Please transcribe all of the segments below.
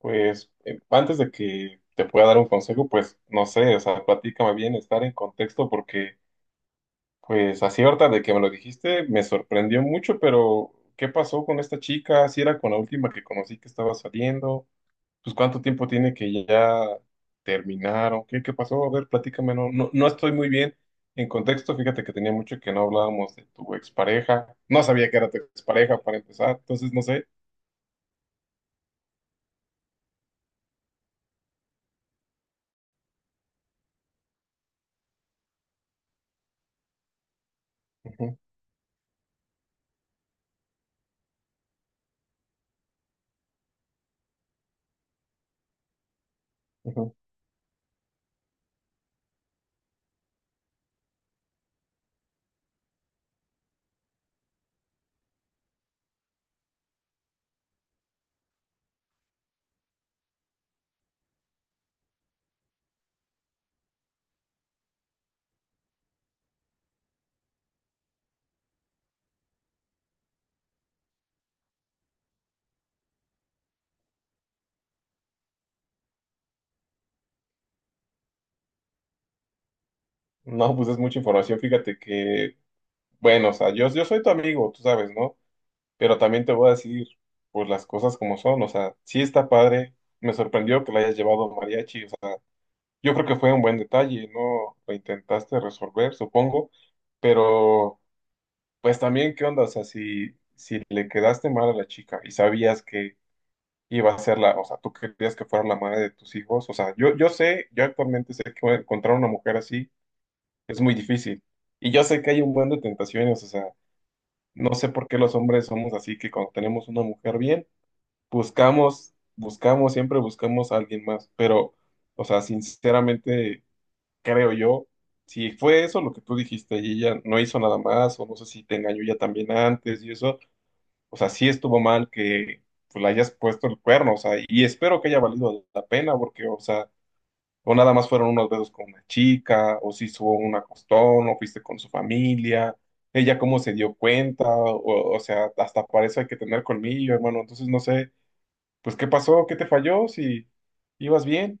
Pues antes de que te pueda dar un consejo, pues no sé, o sea, platícame bien, estar en contexto, porque pues así ahorita de que me lo dijiste, me sorprendió mucho, pero ¿qué pasó con esta chica? Si era con la última que conocí que estaba saliendo, pues cuánto tiempo tiene que ya terminaron, ¿¿qué pasó? A ver, platícame, no, no, no estoy muy bien en contexto, fíjate que tenía mucho que no hablábamos de tu expareja, no sabía que era tu expareja para empezar, entonces no sé. Ujú, ujú. No, pues es mucha información. Fíjate que bueno, o sea, yo soy tu amigo, tú sabes, ¿no? Pero también te voy a decir, pues las cosas como son, o sea, sí está padre, me sorprendió que la hayas llevado mariachi, o sea, yo creo que fue un buen detalle, ¿no? Lo intentaste resolver, supongo, pero pues también, ¿qué onda? O sea, si le quedaste mal a la chica y sabías que iba a ser la, o sea, tú querías que fuera la madre de tus hijos, o sea, yo sé, yo actualmente sé que encontrar una mujer así es muy difícil, y yo sé que hay un buen de tentaciones, o sea, no sé por qué los hombres somos así, que cuando tenemos una mujer bien, buscamos, buscamos, siempre buscamos a alguien más. Pero, o sea, sinceramente, creo yo, si fue eso lo que tú dijiste y ella no hizo nada más, o no sé si te engañó ya también antes y eso, o sea, sí estuvo mal que pues, le hayas puesto el cuerno, o sea, y espero que haya valido la pena, porque, o sea, o nada más fueron unos besos con una chica, o si hubo un acostón, o fuiste con su familia, ella cómo se dio cuenta, o sea, hasta para eso hay que tener colmillo, hermano. Entonces no sé, pues qué pasó, qué te falló, si ibas bien.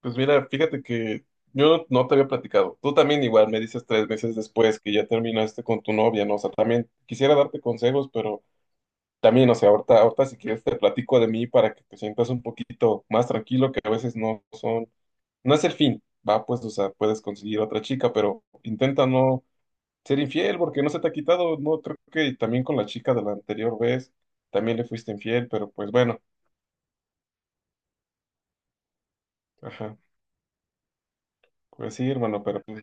Pues mira, fíjate que yo no, no te había platicado. Tú también igual me dices 3 meses después que ya terminaste con tu novia, ¿no? O sea, también quisiera darte consejos, pero también, o sea, ahorita, ahorita si quieres te platico de mí para que te sientas un poquito más tranquilo, que a veces no son, no es el fin, va, pues, o sea, puedes conseguir otra chica, pero intenta no ser infiel porque no se te ha quitado, no, creo que también con la chica de la anterior vez también le fuiste infiel, pero pues bueno, ajá, pues sí, hermano, pero pues,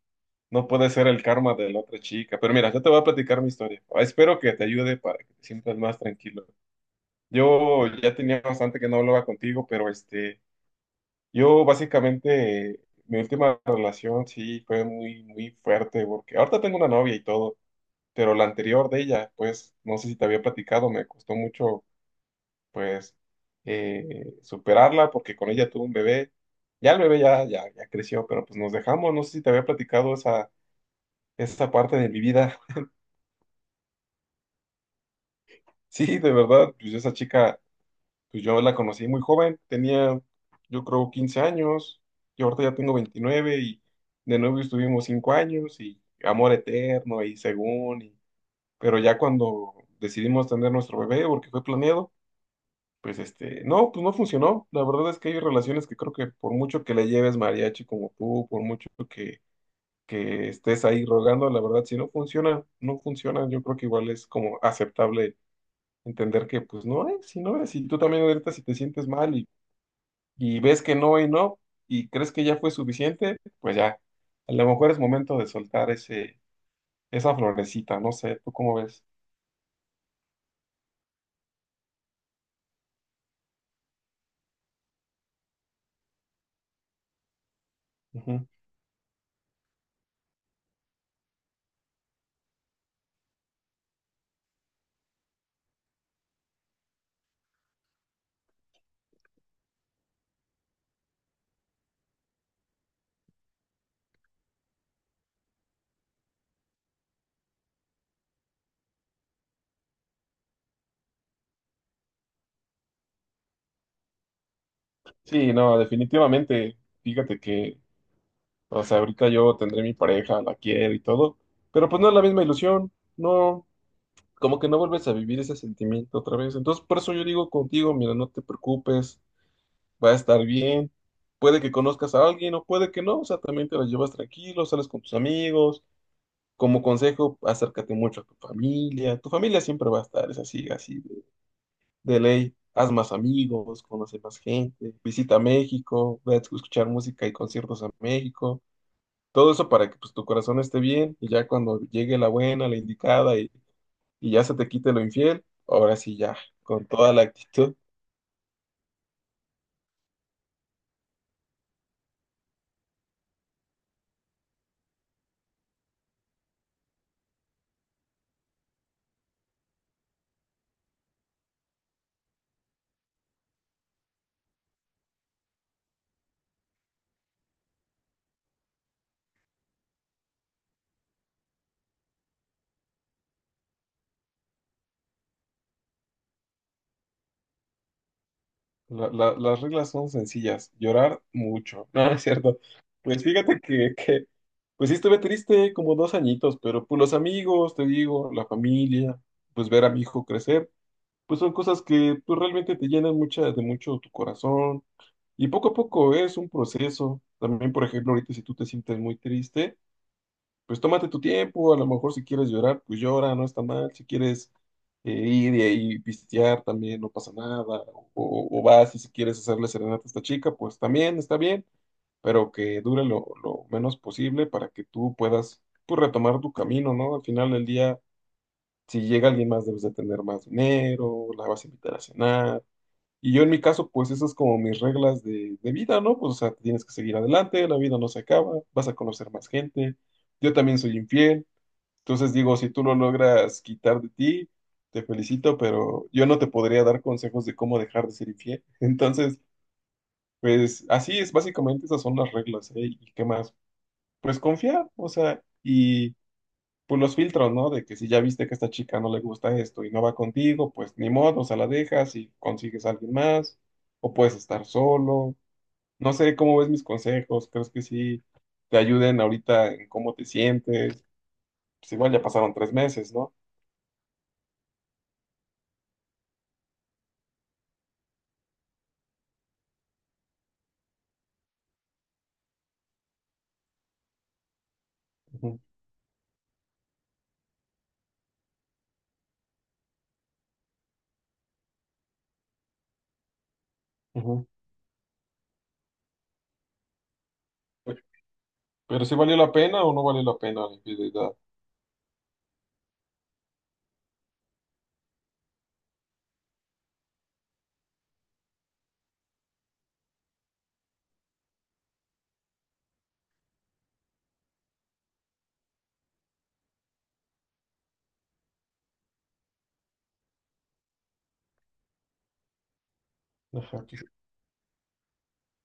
no puede ser el karma de la otra chica, pero mira, yo te voy a platicar mi historia. Ah, espero que te ayude para que te sientas más tranquilo. Yo ya tenía bastante que no hablaba contigo, pero yo básicamente, mi última relación sí fue muy, muy fuerte, porque ahorita tengo una novia y todo, pero la anterior de ella, pues, no sé si te había platicado, me costó mucho, pues, superarla, porque con ella tuve un bebé, ya el bebé ya creció, pero pues nos dejamos, no sé si te había platicado esa, esa parte de mi vida. Sí, de verdad, pues esa chica pues yo la conocí muy joven, tenía yo creo 15 años, y ahorita ya tengo 29 y de novio estuvimos 5 años y amor eterno y según, y- pero ya cuando decidimos tener nuestro bebé porque fue planeado, pues no, pues no funcionó. La verdad es que hay relaciones que creo que por mucho que le lleves mariachi como tú, por mucho que, estés ahí rogando, la verdad si no funciona, no funciona, yo creo que igual es como aceptable entender que pues no es, si no es, y tú también ahorita si te sientes mal y ves que no y no, y crees que ya fue suficiente, pues ya, a lo mejor es momento de soltar ese, esa florecita, no sé, ¿tú cómo ves? Ujú. Sí, no, definitivamente, fíjate que, o sea, ahorita yo tendré mi pareja, la quiero y todo, pero pues no es la misma ilusión, no, como que no vuelves a vivir ese sentimiento otra vez, entonces por eso yo digo contigo, mira, no te preocupes, va a estar bien. Puede que conozcas a alguien o puede que no, o sea, también te la llevas tranquilo, sales con tus amigos. Como consejo, acércate mucho a tu familia. Tu familia siempre va a estar, es así, así de, ley. Haz más amigos, conoce más gente, visita México, ve a escuchar música y conciertos a México. Todo eso para que pues, tu corazón esté bien y ya cuando llegue la buena, la indicada y ya se te quite lo infiel, ahora sí ya, con toda la actitud. Las reglas son sencillas, llorar mucho, no, no es cierto. Pues fíjate que, pues sí estuve triste como 2 añitos, pero pues los amigos, te digo, la familia, pues ver a mi hijo crecer, pues son cosas que pues realmente te llenan mucha, de mucho tu corazón. Y poco a poco es un proceso. También, por ejemplo, ahorita si tú te sientes muy triste, pues tómate tu tiempo, a lo mejor si quieres llorar, pues llora, no está mal, si quieres ir y ahí pistear también, no pasa nada, o vas y si quieres hacerle serenata a esta chica, pues también está bien, pero que dure lo, menos posible para que tú puedas pues, retomar tu camino, ¿no? Al final del día, si llega alguien más, debes de tener más dinero, la vas a invitar a cenar. Y yo en mi caso, pues esas es como mis reglas de vida, ¿no? Pues o sea, tienes que seguir adelante, la vida no se acaba, vas a conocer más gente. Yo también soy infiel, entonces digo, si tú lo logras quitar de ti, te felicito, pero yo no te podría dar consejos de cómo dejar de ser infiel. Entonces, pues así es, básicamente esas son las reglas, ¿eh? ¿Y qué más? Pues confiar, o sea, y pues los filtros, ¿no? De que si ya viste que a esta chica no le gusta esto y no va contigo, pues ni modo, o sea, la dejas y consigues a alguien más, o puedes estar solo. No sé cómo ves mis consejos, ¿crees que sí te ayuden ahorita en cómo te sientes? Pues igual ya pasaron 3 meses, ¿no? Ujú, ujú. Pero si valió la pena o no valió la pena la infidelidad. Ajá,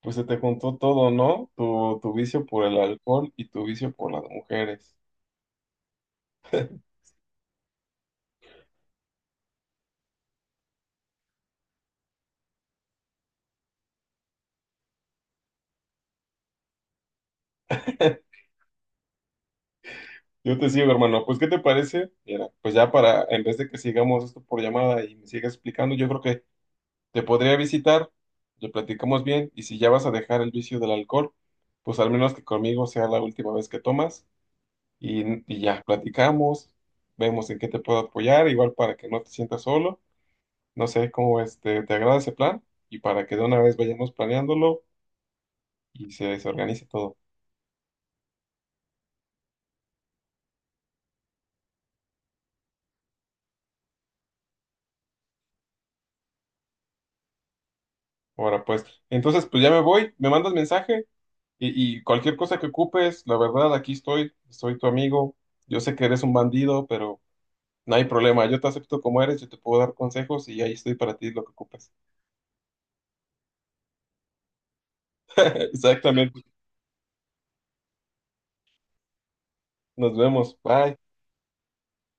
pues se te juntó todo, ¿no? Tu vicio por el alcohol y tu vicio por las mujeres. Yo te sigo, hermano. Pues, ¿qué te parece? Mira, pues ya para, en vez de que sigamos esto por llamada y me sigas explicando, yo creo que te podría visitar, lo platicamos bien, y si ya vas a dejar el vicio del alcohol, pues al menos que conmigo sea la última vez que tomas y, y, ya platicamos, vemos en qué te puedo apoyar, igual para que no te sientas solo. No sé cómo es, ¿te agrada ese plan? Y para que de una vez vayamos planeándolo y se, organice todo. Ahora pues, entonces pues ya me voy, me mandas mensaje y cualquier cosa que ocupes, la verdad, aquí estoy, soy tu amigo. Yo sé que eres un bandido, pero no hay problema, yo te acepto como eres, yo te puedo dar consejos y ahí estoy para ti lo que ocupes. Exactamente, nos vemos, bye.